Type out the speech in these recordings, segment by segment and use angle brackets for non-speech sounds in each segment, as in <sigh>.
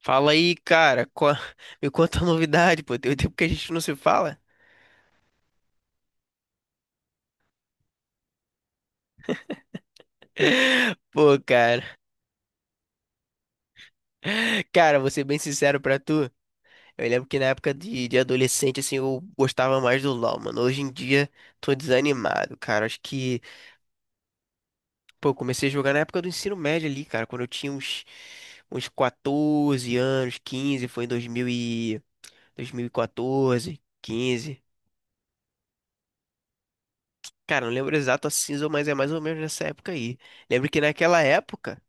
Fala aí, cara. <laughs> Me conta a novidade, pô. Tem um tempo que a gente não se fala. <laughs> Pô, cara. Cara, vou ser bem sincero pra tu. Eu lembro que na época de adolescente, assim, eu gostava mais do LoL, mano. Hoje em dia, tô desanimado, cara. Acho que, pô, eu comecei a jogar na época do ensino médio ali, cara. Quando eu tinha uns 14 anos, 15 foi em dois mil e quatorze quinze. Cara, não lembro exato a cinza, mas é mais ou menos nessa época aí. Lembro que naquela época.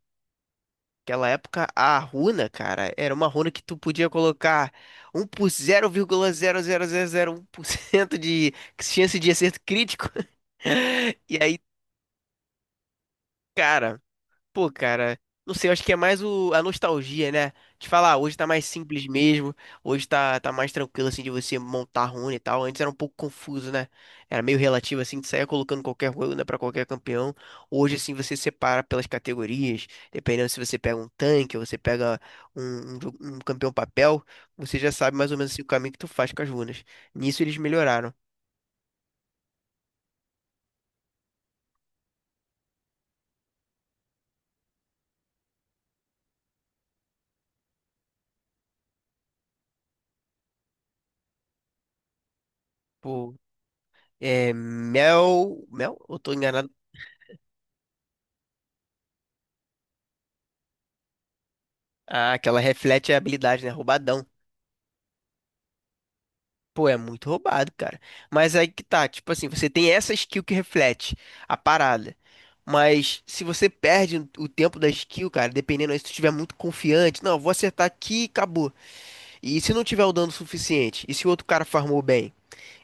Naquela época, a runa, cara, era uma runa que tu podia colocar um por 0,00001% de chance de acerto crítico. <laughs> E aí, cara, pô, cara, não sei, eu acho que é mais a nostalgia, né? De falar, ah, hoje tá mais simples mesmo, hoje tá mais tranquilo, assim, de você montar rune e tal. Antes era um pouco confuso, né? Era meio relativo, assim, de sair colocando qualquer runa pra qualquer campeão. Hoje, assim, você separa pelas categorias, dependendo se você pega um tanque ou você pega um campeão papel, você já sabe mais ou menos assim, o caminho que tu faz com as runas. Nisso eles melhoraram. Pô, é, Mel. Mel? Eu tô enganado. Ah, aquela reflete a habilidade, né? Roubadão. Pô, é muito roubado, cara. Mas aí que tá, tipo assim, você tem essa skill que reflete a parada. Mas se você perde o tempo da skill, cara, dependendo aí, se tu estiver muito confiante, não, vou acertar aqui e acabou. E se não tiver o dano suficiente? E se o outro cara farmou bem?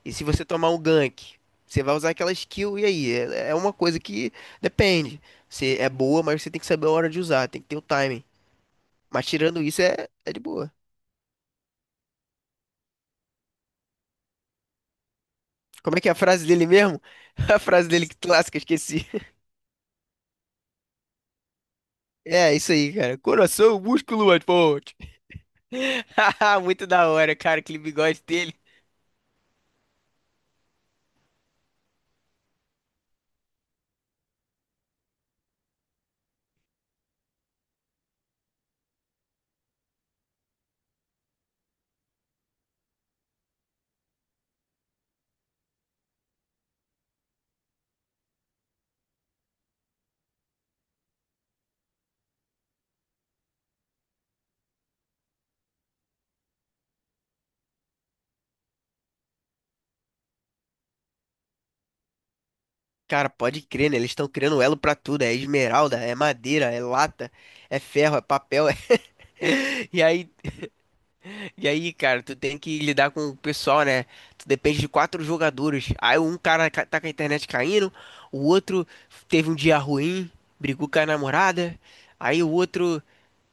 E se você tomar um gank? Você vai usar aquela skill e aí? É, é uma coisa que depende. Você é boa, mas você tem que saber a hora de usar, tem que ter o timing. Mas tirando isso, é, é de boa. Como é que é a frase dele mesmo? <laughs> A frase dele que clássica, esqueci. É, isso aí, cara. Coração, músculo, mais forte. <laughs> Muito da hora, cara, aquele bigode dele. Cara, pode crer, né? Eles estão criando elo pra tudo. É esmeralda, é madeira, é lata, é ferro, é papel. <laughs> E aí, e aí, cara, tu tem que lidar com o pessoal, né? Tu depende de quatro jogadores. Aí um cara tá com a internet caindo, o outro teve um dia ruim, brigou com a namorada. Aí o outro.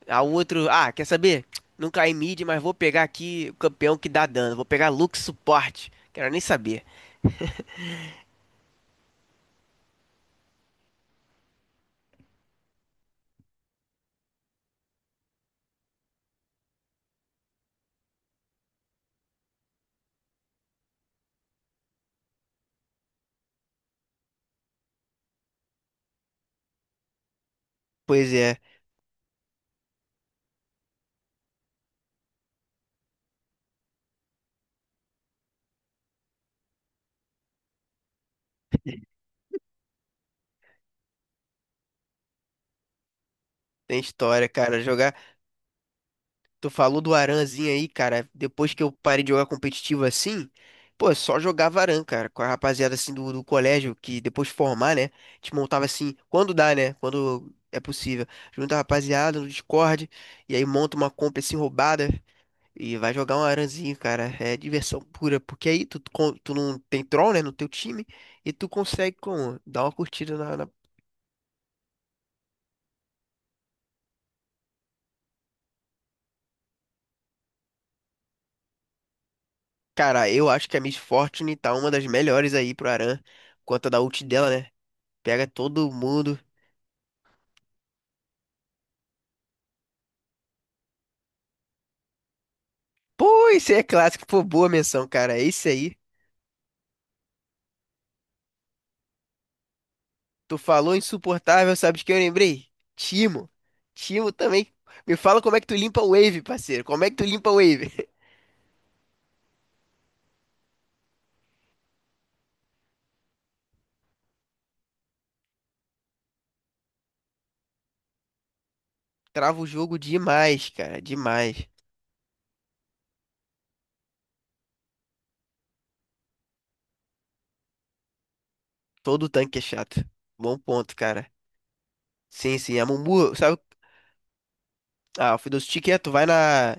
A outro, ah, quer saber? Não caí mid, mas vou pegar aqui o campeão que dá dano. Vou pegar Lux suporte. Quero nem saber. Pois é, tem história, cara. Jogar. Tu falou do Aranzinho aí, cara. Depois que eu parei de jogar competitivo assim, pô, só jogava Aran, cara. Com a rapaziada assim do colégio, que depois de formar, né? A gente montava assim, quando dá, né? Quando é possível. Junta a rapaziada no Discord. E aí monta uma compra assim roubada. E vai jogar um aranzinho, cara. É diversão pura. Porque aí tu, tu não tem troll, né, no teu time. E tu consegue como? Dar uma curtida. Cara, eu acho que a Miss Fortune tá uma das melhores aí pro Aran. Conta da ult dela, né? Pega todo mundo. Pô, isso aí é clássico. Pô, boa menção, cara. É isso aí. Tu falou insuportável, sabe de quem eu lembrei? Timo. Timo também. Me fala como é que tu limpa o wave, parceiro. Como é que tu limpa o wave? <laughs> Trava o jogo demais, cara. Demais. Todo tanque é chato. Bom ponto, cara. Sim, sim. A Mumu, sabe? Ah, o Fiddlestick é, tu vai na.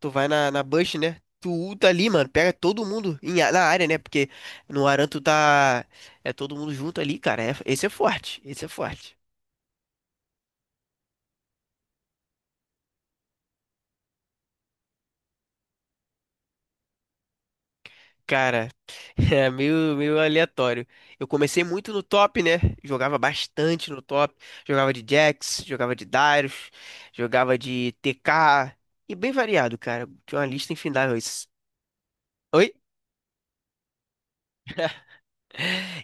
Tu vai na Bush, né? Tu ulta ali, mano. Pega todo mundo na área, né? Porque no Aran tu tá. É todo mundo junto ali, cara. Esse é forte. Esse é forte. Cara, <laughs> é meio aleatório. Eu comecei muito no top, né? Jogava bastante no top. Jogava de Jax, jogava de Darius, jogava de TK. E bem variado, cara. Tinha uma lista infindável isso. Oi?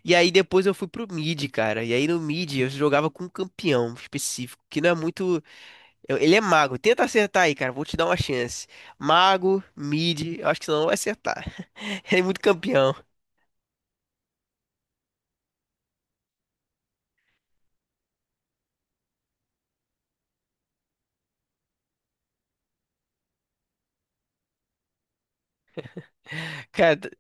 E aí depois eu fui pro mid, cara. E aí no mid eu jogava com um campeão específico, que não é muito. Ele é mago. Tenta acertar aí, cara. Vou te dar uma chance. Mago, mid, eu acho que você não vai acertar. <laughs> Ele é muito campeão. Cara,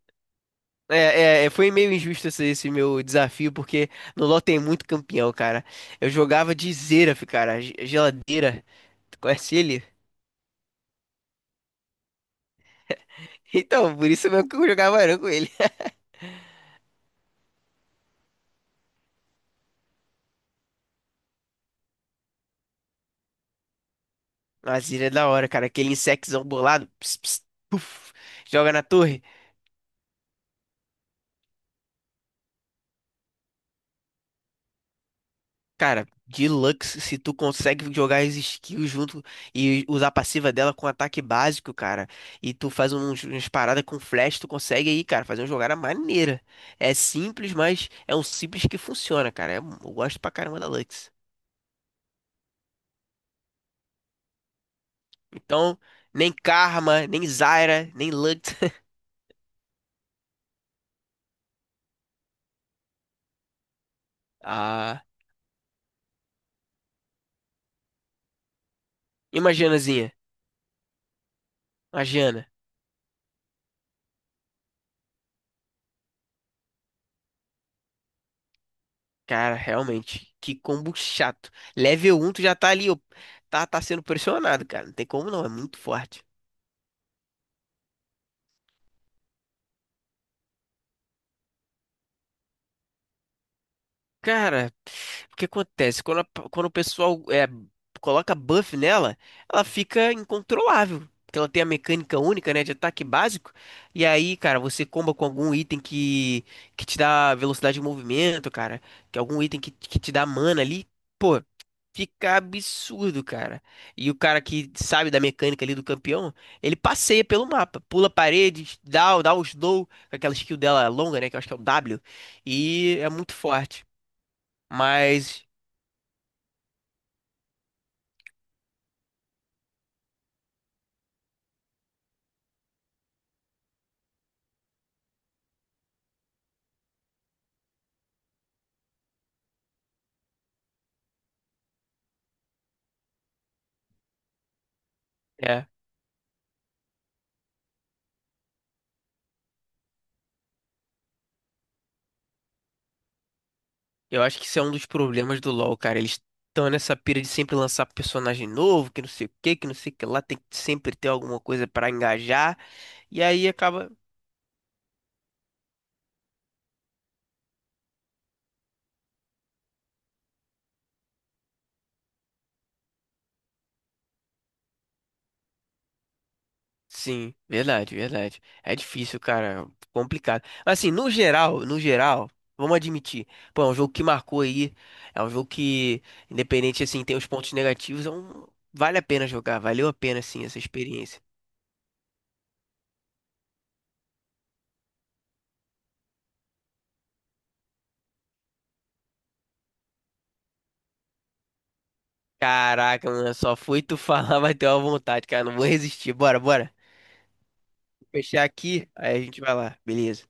foi meio injusto esse meu desafio, porque no LoL tem muito campeão, cara. Eu jogava de Xerath, cara. Geladeira. Tu conhece ele? <laughs> Então, por isso mesmo que eu jogava Aran com ele. <laughs> Mas ele é da hora, cara. Aquele insectzão bolado. Ps, ps, puf, joga na torre. Cara, Deluxe, se tu consegue jogar as skills junto e usar a passiva dela com ataque básico, cara, e tu faz umas paradas com flash, tu consegue aí, cara, fazer uma jogada maneira. É simples, mas é um simples que funciona, cara. Eu gosto pra caramba da Lux. Então, nem Karma, nem Zyra, nem Lux. <laughs> Ah, imaginazinha. Imagina. Cara, realmente, que combo chato. Level um tu já tá ali, ó, tá sendo pressionado, cara. Não tem como não, é muito forte. Cara, o que acontece? Quando, quando o pessoal coloca buff nela, ela fica incontrolável. Porque ela tem a mecânica única, né, de ataque básico. E aí, cara, você comba com algum item que te dá velocidade de movimento, cara. Que algum item que te dá mana ali. Pô, fica absurdo, cara. E o cara que sabe da mecânica ali do campeão, ele passeia pelo mapa. Pula paredes, dá o slow, com aquela skill dela longa, né, que eu acho que é o W. E é muito forte. Mas, é, eu acho que isso é um dos problemas do LoL, cara. Eles estão nessa pira de sempre lançar personagem novo, que não sei o que, que não sei o que lá, tem que sempre ter alguma coisa pra engajar, e aí acaba. Sim, verdade, verdade. É difícil, cara, complicado. Mas assim, no geral, no geral, vamos admitir, pô, é um jogo que marcou aí, é um jogo que, independente assim, tem os pontos negativos, é um... vale a pena jogar, valeu a pena, assim, essa experiência. Caraca, mano, só fui tu <laughs> falar, vai ter uma vontade, cara. Não vou resistir. Bora, bora. Vou fechar aqui, aí a gente vai lá. Beleza.